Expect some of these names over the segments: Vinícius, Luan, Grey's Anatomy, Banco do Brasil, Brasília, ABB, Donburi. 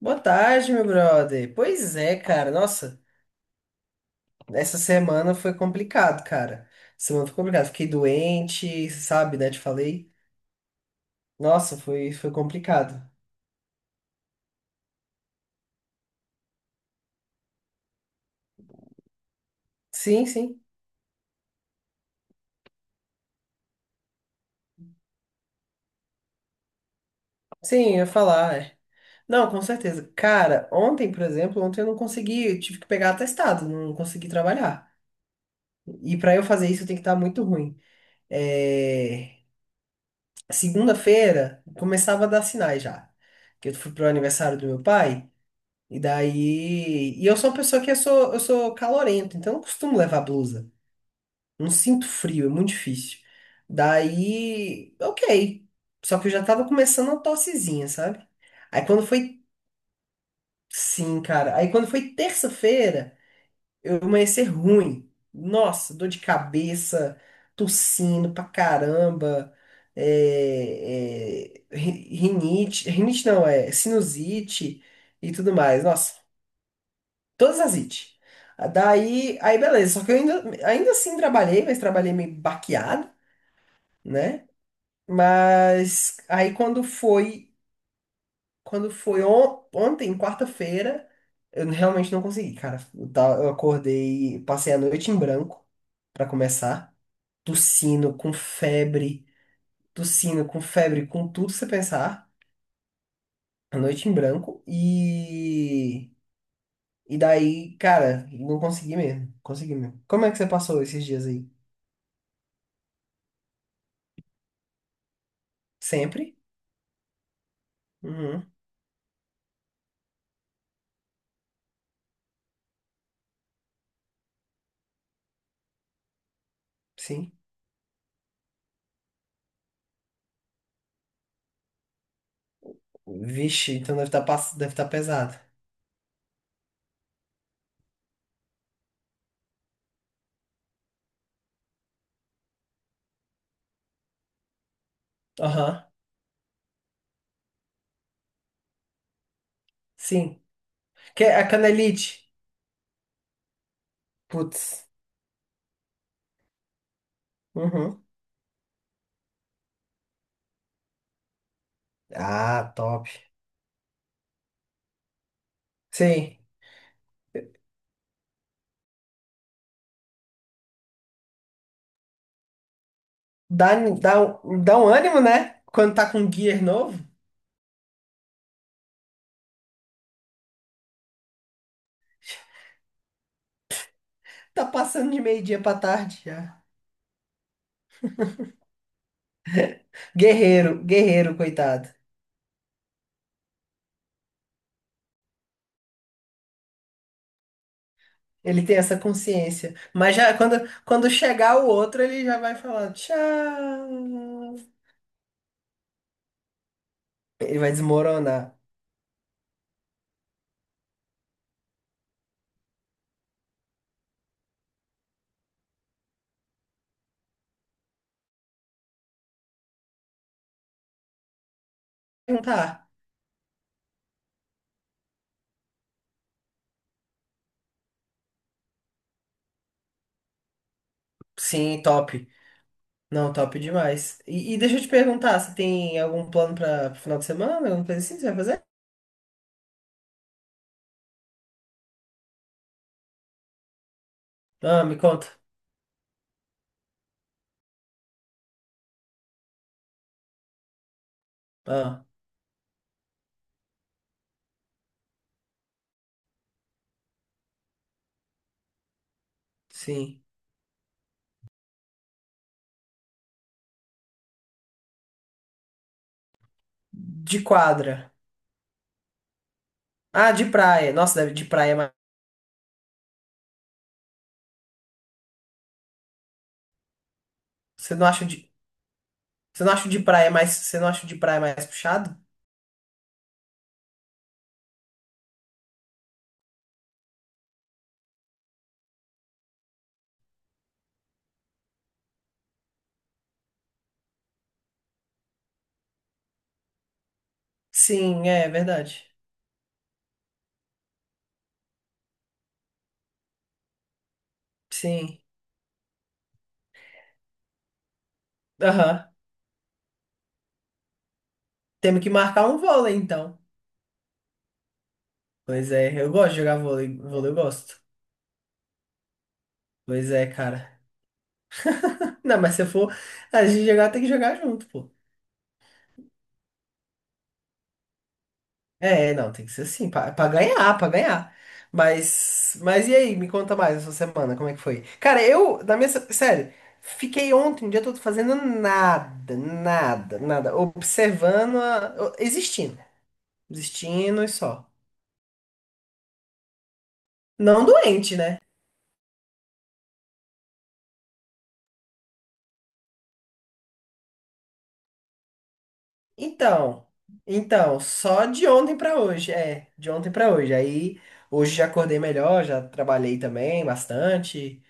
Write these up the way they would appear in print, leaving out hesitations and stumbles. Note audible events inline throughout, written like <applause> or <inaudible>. Boa tarde, meu brother. Pois é, cara. Nossa, essa semana foi complicado, cara. Semana foi complicado. Fiquei doente, sabe, né? Te falei. Nossa, foi complicado. Sim, sim. Sim, eu ia falar, é. Não, com certeza. Cara, ontem, por exemplo, ontem eu não consegui, eu tive que pegar atestado, não consegui trabalhar. E pra eu fazer isso, eu tenho que estar muito ruim. É... Segunda-feira, começava a dar sinais já. Que eu fui pro aniversário do meu pai. E daí. E eu sou uma pessoa que eu sou calorento, então eu não costumo levar blusa. Não sinto frio, é muito difícil. Daí, ok. Só que eu já tava começando uma tossezinha, sabe? Aí quando foi. Sim, cara. Aí quando foi terça-feira, eu amanheci ruim. Nossa, dor de cabeça, tossindo pra caramba. É, é, rinite. Rinite não, é sinusite e tudo mais. Nossa. Todas as IT. Daí, aí beleza. Só que eu ainda assim trabalhei, mas trabalhei meio baqueado, né? Mas aí quando foi ontem, quarta-feira, eu realmente não consegui, cara. Eu acordei, passei a noite em branco pra começar, tossindo com febre, tossindo com febre, com tudo que você pensar, a noite em branco e daí, cara, não consegui mesmo, consegui mesmo. Como é que você passou esses dias aí? Sempre? Uhum, sim. Vixe, então deve tá pesado. Aham, sim. Que é a canelite. Putz. Uhum. Ah, top. Sim. Dá, dá um ânimo, né? Quando tá com gear novo. Tá passando de meio-dia pra tarde já. Guerreiro, guerreiro, coitado. Ele tem essa consciência. Mas já quando chegar o outro, ele já vai falar tchau. Ele vai desmoronar. Não tá. Sim, top. Não, top demais. E deixa eu te perguntar, você tem algum plano para final de semana? Alguma coisa assim que você vai fazer? Ah, me conta. Ah, sim. De quadra. Ah, de praia. Nossa, de praia é mais. Você não acha de, você não acha de praia mais puxado? Sim, é verdade. Sim. Aham. Temos que marcar um vôlei, então. Pois é, eu gosto de jogar vôlei. Vôlei eu gosto. Pois é, cara. <laughs> Não, mas se eu for a gente jogar, tem que jogar junto, pô. É, não, tem que ser assim, pra ganhar, pra ganhar. Mas e aí, me conta mais essa semana, como é que foi? Cara, eu, na minha, sério, fiquei ontem o dia todo fazendo nada, nada, nada, observando, existindo, existindo e só. Não doente, né? Então, só de ontem pra hoje, é, de ontem pra hoje. Aí, hoje já acordei melhor, já trabalhei também bastante.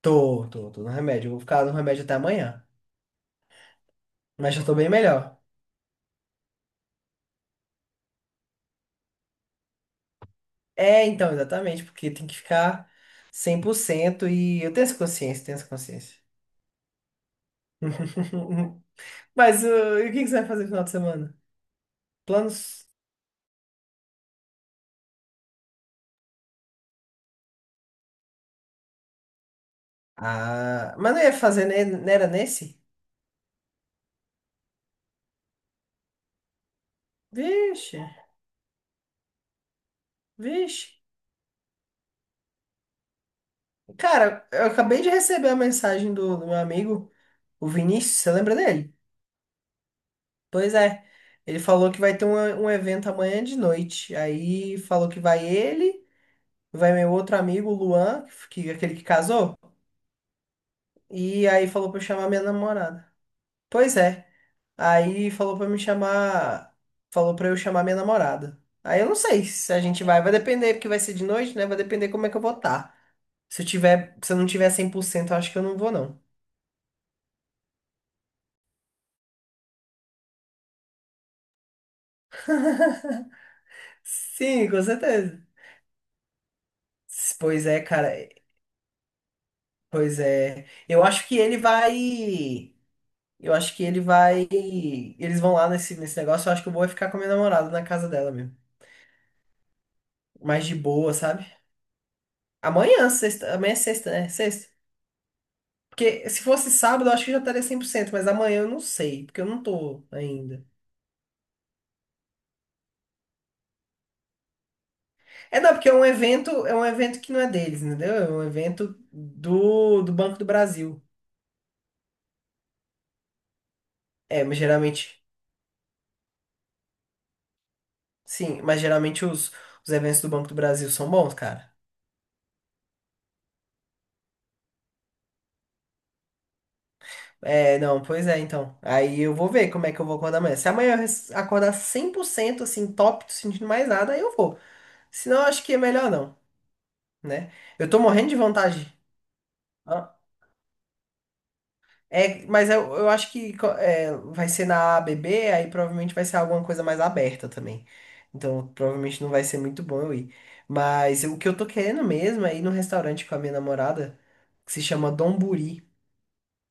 Tô no remédio, vou ficar no remédio até amanhã, mas já tô bem melhor. É, então, exatamente, porque tem que ficar 100% e eu tenho essa consciência, tenho essa consciência. <laughs> Mas e o que que você vai fazer no final de semana? Planos? Ah, mas não ia fazer, né? Não era nesse? Vixe, vixe. Cara, eu acabei de receber a mensagem do meu amigo, o Vinícius, você lembra dele? Pois é, ele falou que vai ter um, um evento amanhã de noite. Aí falou que vai ele, vai meu outro amigo, o Luan, aquele que casou. E aí falou pra eu chamar minha namorada. Pois é. Aí falou pra me chamar. Falou pra eu chamar minha namorada. Aí eu não sei se a gente vai. Vai depender, porque vai ser de noite, né? Vai depender como é que eu vou estar. Se eu tiver, se eu não tiver 100%, eu acho que eu não vou, não. Sim, com certeza. Pois é, cara. Pois é. Eu acho que ele vai. Eu acho que ele vai. Eles vão lá nesse negócio. Eu acho que eu vou ficar com a minha namorada na casa dela mesmo. Mais de boa, sabe? Amanhã, sexta. Amanhã é sexta, né? Sexta. Porque se fosse sábado, eu acho que já estaria 100%, mas amanhã eu não sei, porque eu não tô ainda. É, não, porque é um evento que não é deles, entendeu? É um evento do Banco do Brasil. É, mas geralmente, sim, mas geralmente os eventos do Banco do Brasil são bons, cara. É, não, pois é, então. Aí eu vou ver como é que eu vou acordar amanhã. Se amanhã eu acordar 100% assim, top, tô sentindo mais nada, aí eu vou. Senão eu acho que é melhor não, né? Eu tô morrendo de vontade. É, mas eu acho que é, vai ser na ABB, aí provavelmente vai ser alguma coisa mais aberta também. Então, provavelmente não vai ser muito bom eu ir. Mas o que eu tô querendo mesmo é ir num restaurante com a minha namorada, que se chama Donburi,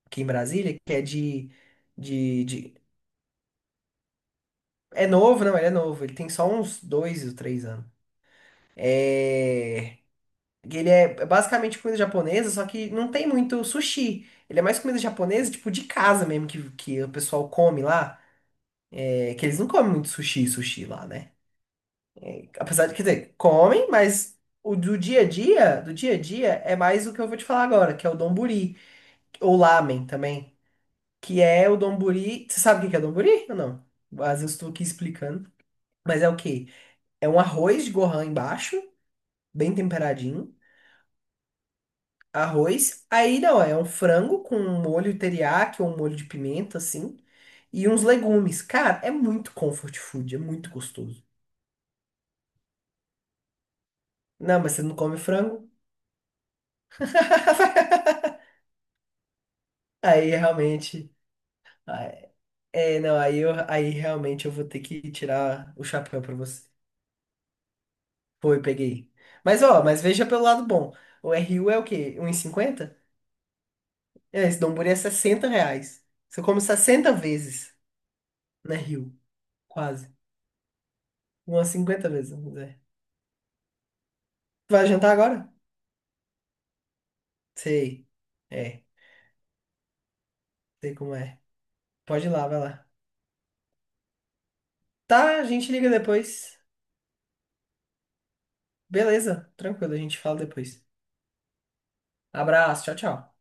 aqui em Brasília, que é de. É novo, não, ele é novo. Ele tem só uns 2 ou 3 anos. É, ele é basicamente comida japonesa, só que não tem muito sushi. Ele é mais comida japonesa, tipo, de casa mesmo, que o pessoal come lá. É que eles não comem muito sushi e sushi lá, né? Apesar de, quer dizer, comem, mas o do dia a dia, do dia a dia, é mais o que eu vou te falar agora, que é o donburi, ou lamen também, que é o donburi. Você sabe o que que é donburi ou não? Às vezes eu estou aqui explicando. Mas é o quê? É um arroz de gohan embaixo, bem temperadinho. Arroz. Aí não, é um frango com um molho teriyaki ou um molho de pimenta, assim. E uns legumes. Cara, é muito comfort food, é muito gostoso. Não, mas você não come frango? <laughs> Aí realmente. Ah, é, não, aí, eu, aí realmente eu vou ter que tirar o chapéu pra você. Foi, peguei. Mas ó, mas veja pelo lado bom. O RU é o quê? 1,50? É, esse Donburi é R$ 60. Você come 60 vezes na Rio. Quase. Umas 50 vezes, vamos dizer. Tu vai jantar agora? Sei. É, sei como é. Pode ir lá, vai lá. Tá, a gente liga depois. Beleza, tranquilo, a gente fala depois. Abraço, tchau, tchau.